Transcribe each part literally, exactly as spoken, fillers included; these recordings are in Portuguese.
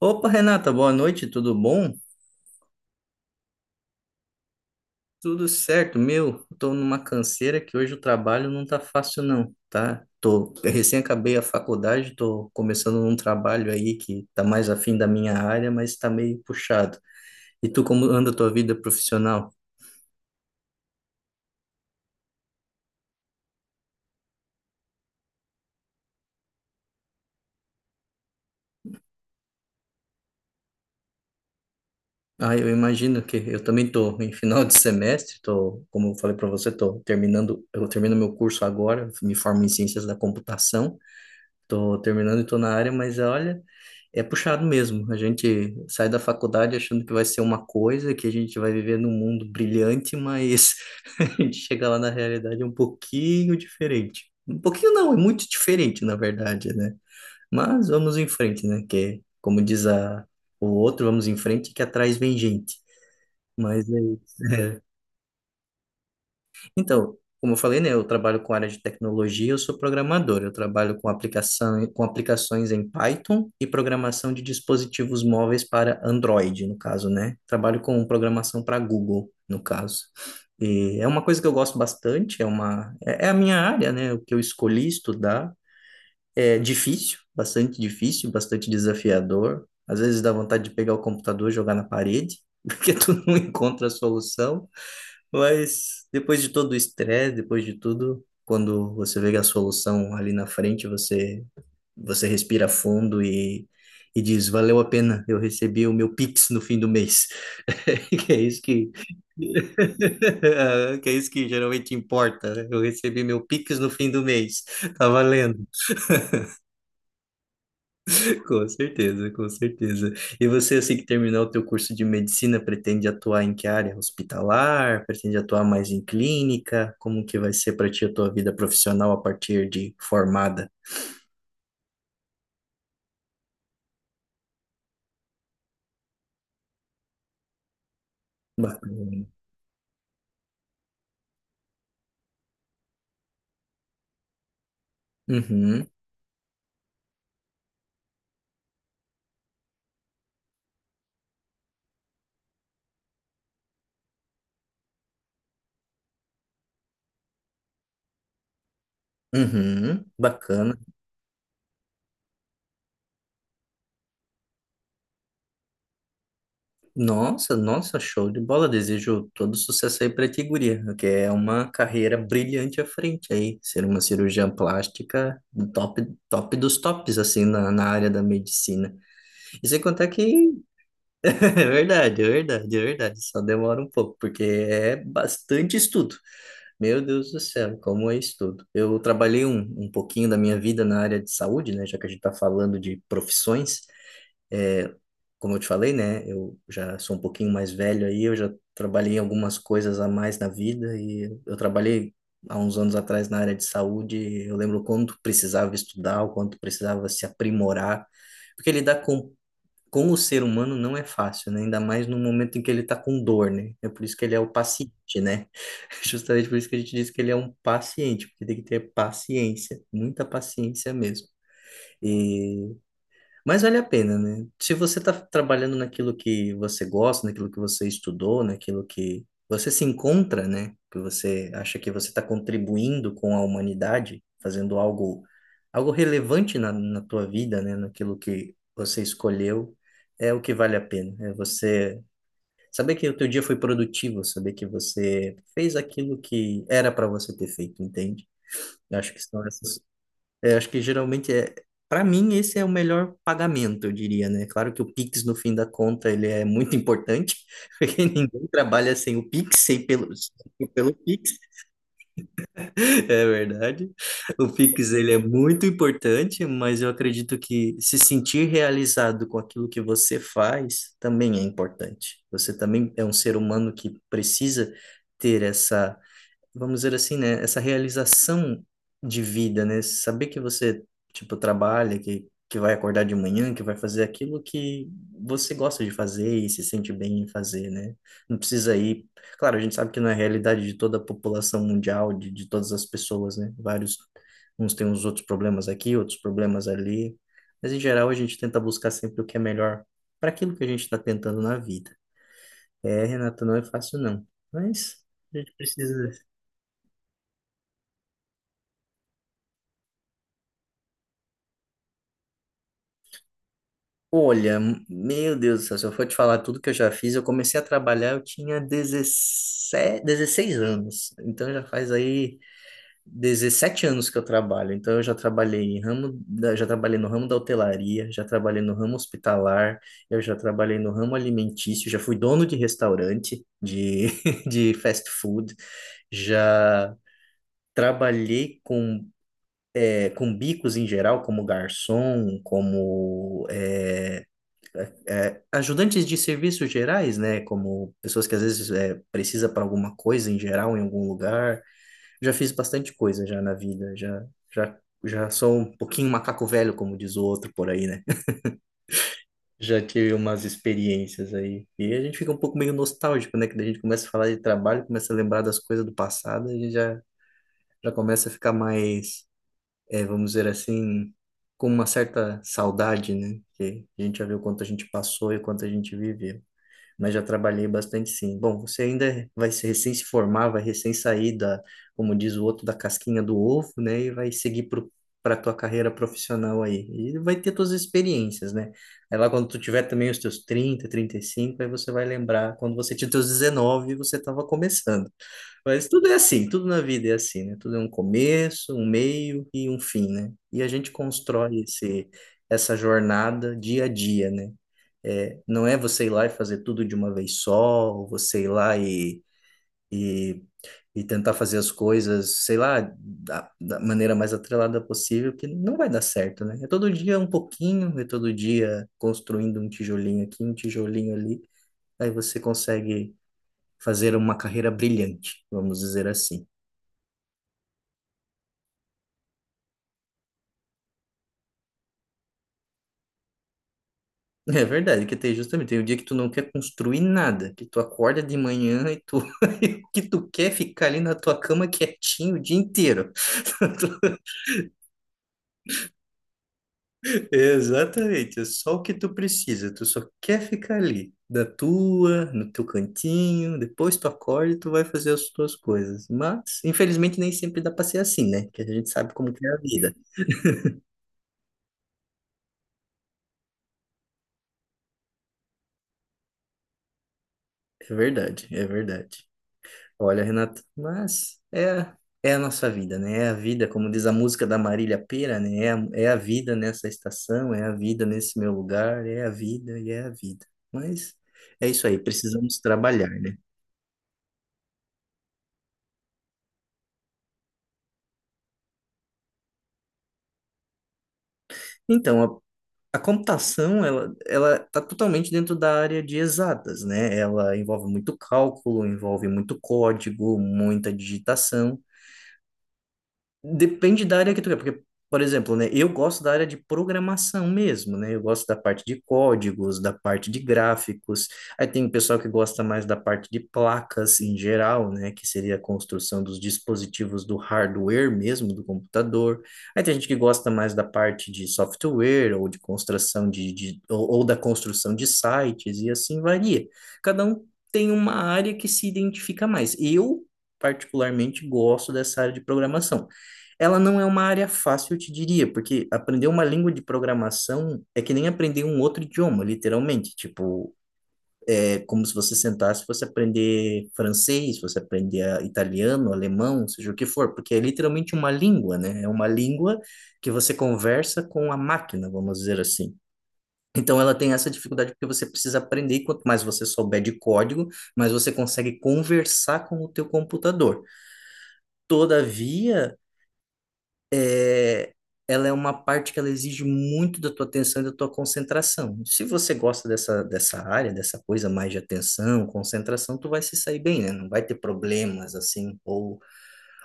Opa, Renata, boa noite, tudo bom? Tudo certo, meu. Tô numa canseira que hoje o trabalho não tá fácil não, tá? Tô, eu recém acabei a faculdade, tô começando um trabalho aí que tá mais afim da minha área, mas tá meio puxado. E tu, como anda a tua vida profissional? Ah, eu imagino que eu também tô em final de semestre, tô, como eu falei para você, tô terminando, eu termino meu curso agora, me formo em ciências da computação, tô terminando e tô na área, mas olha, é puxado mesmo. A gente sai da faculdade achando que vai ser uma coisa, que a gente vai viver num mundo brilhante, mas a gente chega lá na realidade é um pouquinho diferente. Um pouquinho não, é muito diferente, na verdade, né? Mas vamos em frente, né? Que, como diz a, o outro, vamos em frente, que atrás vem gente. Mas é isso. Então, como eu falei, né, eu trabalho com área de tecnologia, eu sou programador. Eu trabalho com aplicação, com aplicações em Python e programação de dispositivos móveis para Android, no caso, né? Trabalho com programação para Google, no caso. E é uma coisa que eu gosto bastante, é uma, é é a minha área, né? O que eu escolhi estudar é difícil, bastante difícil, bastante desafiador. Às vezes dá vontade de pegar o computador e jogar na parede, porque tu não encontra a solução. Mas depois de todo o estresse, depois de tudo, quando você vê a solução ali na frente, você você respira fundo e, e diz, valeu a pena, eu recebi o meu Pix no fim do mês. Que é isso que, que é isso que geralmente importa, né? Eu recebi meu Pix no fim do mês. Tá valendo. Com certeza, com certeza. E você, assim que terminar o teu curso de medicina, pretende atuar em que área? Hospitalar? Pretende atuar mais em clínica? Como que vai ser para ti a tua vida profissional a partir de formada? Bacana. Uhum, uhum, bacana. Nossa, nossa, show de bola. Desejo todo sucesso aí pra ti, guria, que é uma carreira brilhante à frente aí. Ser uma cirurgiã plástica top, top dos tops, assim, na, na área da medicina. E sem contar que é verdade, é verdade, é verdade. Só demora um pouco, porque é bastante estudo. Meu Deus do céu, como é estudo. Eu trabalhei um, um pouquinho da minha vida na área de saúde, né? Já que a gente está falando de profissões, é, como eu te falei, né? Eu já sou um pouquinho mais velho aí, eu já trabalhei em algumas coisas a mais na vida e eu trabalhei há uns anos atrás na área de saúde. Eu lembro quanto precisava estudar, o quanto precisava se aprimorar, porque lidar com com o ser humano não é fácil, né? Ainda mais no momento em que ele está com dor, né? É por isso que ele é o paciente, né? Justamente por isso que a gente diz que ele é um paciente, porque tem que ter paciência, muita paciência mesmo. Mas vale a pena, né? Se você está trabalhando naquilo que você gosta, naquilo que você estudou, naquilo que você se encontra, né? Que você acha que você está contribuindo com a humanidade, fazendo algo, algo relevante na, na tua vida, né? Naquilo que você escolheu, é o que vale a pena. É você saber que o teu dia foi produtivo, saber que você fez aquilo que era para você ter feito, entende? Eu acho que são essas. É, acho que geralmente é. Para mim, esse é o melhor pagamento, eu diria, né? Claro que o Pix, no fim da conta, ele é muito importante, porque ninguém trabalha sem o Pix, sem pelo, sem pelo Pix, é verdade. O Pix, ele é muito importante, mas eu acredito que se sentir realizado com aquilo que você faz também é importante. Você também é um ser humano que precisa ter essa vamos dizer assim, né, essa realização de vida, né, saber que você, tipo, trabalha, que, que vai acordar de manhã, que vai fazer aquilo que você gosta de fazer e se sente bem em fazer, né, não precisa ir, claro, a gente sabe que não é a realidade de toda a população mundial, de, de todas as pessoas, né, vários, uns têm uns outros problemas aqui, outros problemas ali, mas em geral a gente tenta buscar sempre o que é melhor para aquilo que a gente está tentando na vida. É, Renata, não é fácil não, mas a gente precisa. Olha, meu Deus do céu, se eu for te falar tudo que eu já fiz, eu comecei a trabalhar, eu tinha dezessete, dezesseis anos. Então já faz aí dezessete anos que eu trabalho. Então eu já trabalhei em ramo, da- já trabalhei no ramo da hotelaria, já trabalhei no ramo hospitalar, eu já trabalhei no ramo alimentício, já fui dono de restaurante de, de fast food, já trabalhei com, eh, com bicos em geral, como garçom, como eh, é, ajudantes de serviços gerais, né? Como pessoas que às vezes é, precisa para alguma coisa em geral, em algum lugar. Já fiz bastante coisa já na vida, já, já, já sou um pouquinho macaco velho, como diz o outro por aí, né? Já tive umas experiências aí. E a gente fica um pouco meio nostálgico, né? Que a gente começa a falar de trabalho, começa a lembrar das coisas do passado, a gente já, já começa a ficar mais, é, vamos dizer assim, com uma certa saudade, né? Que a gente já viu o quanto a gente passou e o quanto a gente viveu. Mas já trabalhei bastante sim. Bom, você ainda vai se recém se formar, vai recém sair da, como diz o outro, da casquinha do ovo, né? E vai seguir para a tua carreira profissional aí. E vai ter tuas experiências, né? Aí lá quando tu tiver também os teus trinta, trinta e cinco, aí você vai lembrar quando você tinha os teus dezenove, e você estava começando. Mas tudo é assim, tudo na vida é assim, né? Tudo é um começo, um meio e um fim, né? E a gente constrói esse, essa jornada dia a dia, né? É, não é você ir lá e fazer tudo de uma vez só, ou você ir lá e, e, e tentar fazer as coisas, sei lá, da, da maneira mais atrelada possível, que não vai dar certo, né? É todo dia um pouquinho, é todo dia construindo um tijolinho aqui, um tijolinho ali, aí você consegue fazer uma carreira brilhante, vamos dizer assim. É verdade, que tem justamente, tem o dia que tu não quer construir nada, que tu acorda de manhã e tu que tu quer é ficar ali na tua cama quietinho o dia inteiro. Exatamente, é só o que tu precisa, tu só quer ficar ali, da tua, no teu cantinho, depois tu acorda e tu vai fazer as tuas coisas. Mas, infelizmente, nem sempre dá pra ser assim, né? Que a gente sabe como que é a vida. É verdade, é verdade. Olha, Renata, mas é, é a nossa vida, né? É a vida, como diz a música da Marília Pêra, né? É a, é a vida nessa estação, é a vida nesse meu lugar, é a vida e é a vida. Mas é isso aí, precisamos trabalhar, né? Então, a A computação, ela, ela está totalmente dentro da área de exatas, né? Ela envolve muito cálculo, envolve muito código, muita digitação. Depende da área que tu quer, porque, por exemplo, né, eu gosto da área de programação mesmo, né? Eu gosto da parte de códigos, da parte de gráficos. Aí tem o pessoal que gosta mais da parte de placas em geral, né, que seria a construção dos dispositivos do hardware mesmo do computador. Aí tem gente que gosta mais da parte de software ou de construção de, de ou, ou da construção de sites e assim varia. Cada um tem uma área que se identifica mais. Eu particularmente gosto dessa, área de programação. Ela não é uma área fácil, eu te diria, porque aprender uma língua de programação é que nem aprender um outro idioma, literalmente. Tipo, é como se você sentasse e fosse aprender francês, você aprender ah, italiano, alemão, seja o que for, porque é literalmente uma língua, né? É uma língua que você conversa com a máquina, vamos dizer assim. Então ela tem essa dificuldade porque você precisa aprender, e quanto mais você souber de código, mais você consegue conversar com o teu computador. Todavia, é, ela é uma parte que ela exige muito da tua atenção e da tua concentração. Se você gosta dessa, dessa área, dessa coisa mais de atenção, concentração, tu vai se sair bem, né? Não vai ter problemas assim, ou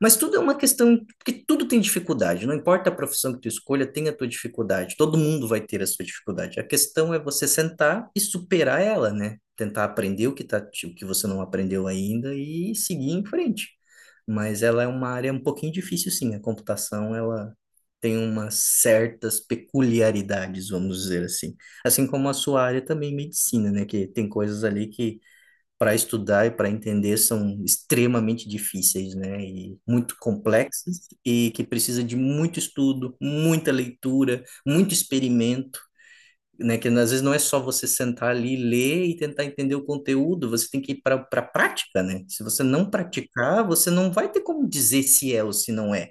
mas tudo é uma questão, porque tudo tem dificuldade, não importa a profissão que tu escolha, tem a tua dificuldade, todo mundo vai ter a sua dificuldade. A questão é você sentar e superar ela, né? Tentar aprender o que tá, o que você não aprendeu ainda e seguir em frente. Mas ela é uma área um pouquinho difícil, sim. A computação, ela tem umas certas peculiaridades, vamos dizer assim. Assim como a sua área também, medicina, né? Que tem coisas ali que para estudar e para entender são extremamente difíceis, né? E muito complexas e que precisa de muito estudo, muita leitura, muito experimento, né? Que às vezes não é só você sentar ali, ler e tentar entender o conteúdo, você tem que ir para a prática, né? Se você não praticar, você não vai ter como dizer se é ou se não é.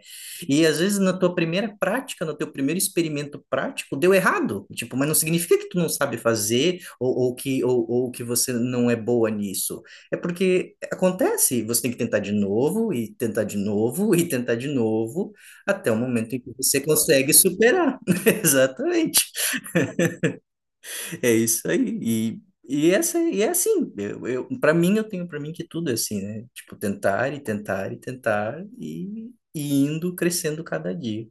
E às vezes na tua primeira prática, no teu primeiro experimento prático, deu errado, tipo, mas não significa que tu não sabe fazer ou, ou que ou, ou que você não é boa nisso. É porque acontece, você tem que tentar de novo e tentar de novo e tentar de novo até o momento em que você consegue superar. Exatamente. É isso aí. E, e, essa, e é assim, eu, eu, para mim, eu tenho para mim que tudo é assim, né? Tipo, tentar e tentar e tentar e, e indo crescendo cada dia.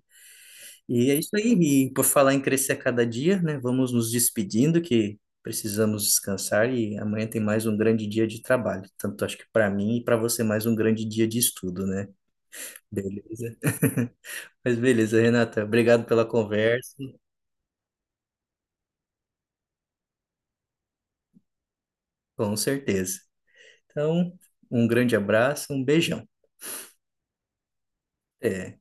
E é isso aí. E por falar em crescer a cada dia, né? Vamos nos despedindo que precisamos descansar e amanhã tem mais um grande dia de trabalho. Tanto acho que para mim e para você mais um grande dia de estudo, né? Beleza? Mas beleza, Renata. Obrigado pela conversa. Com certeza. Então, um grande abraço, um beijão. É.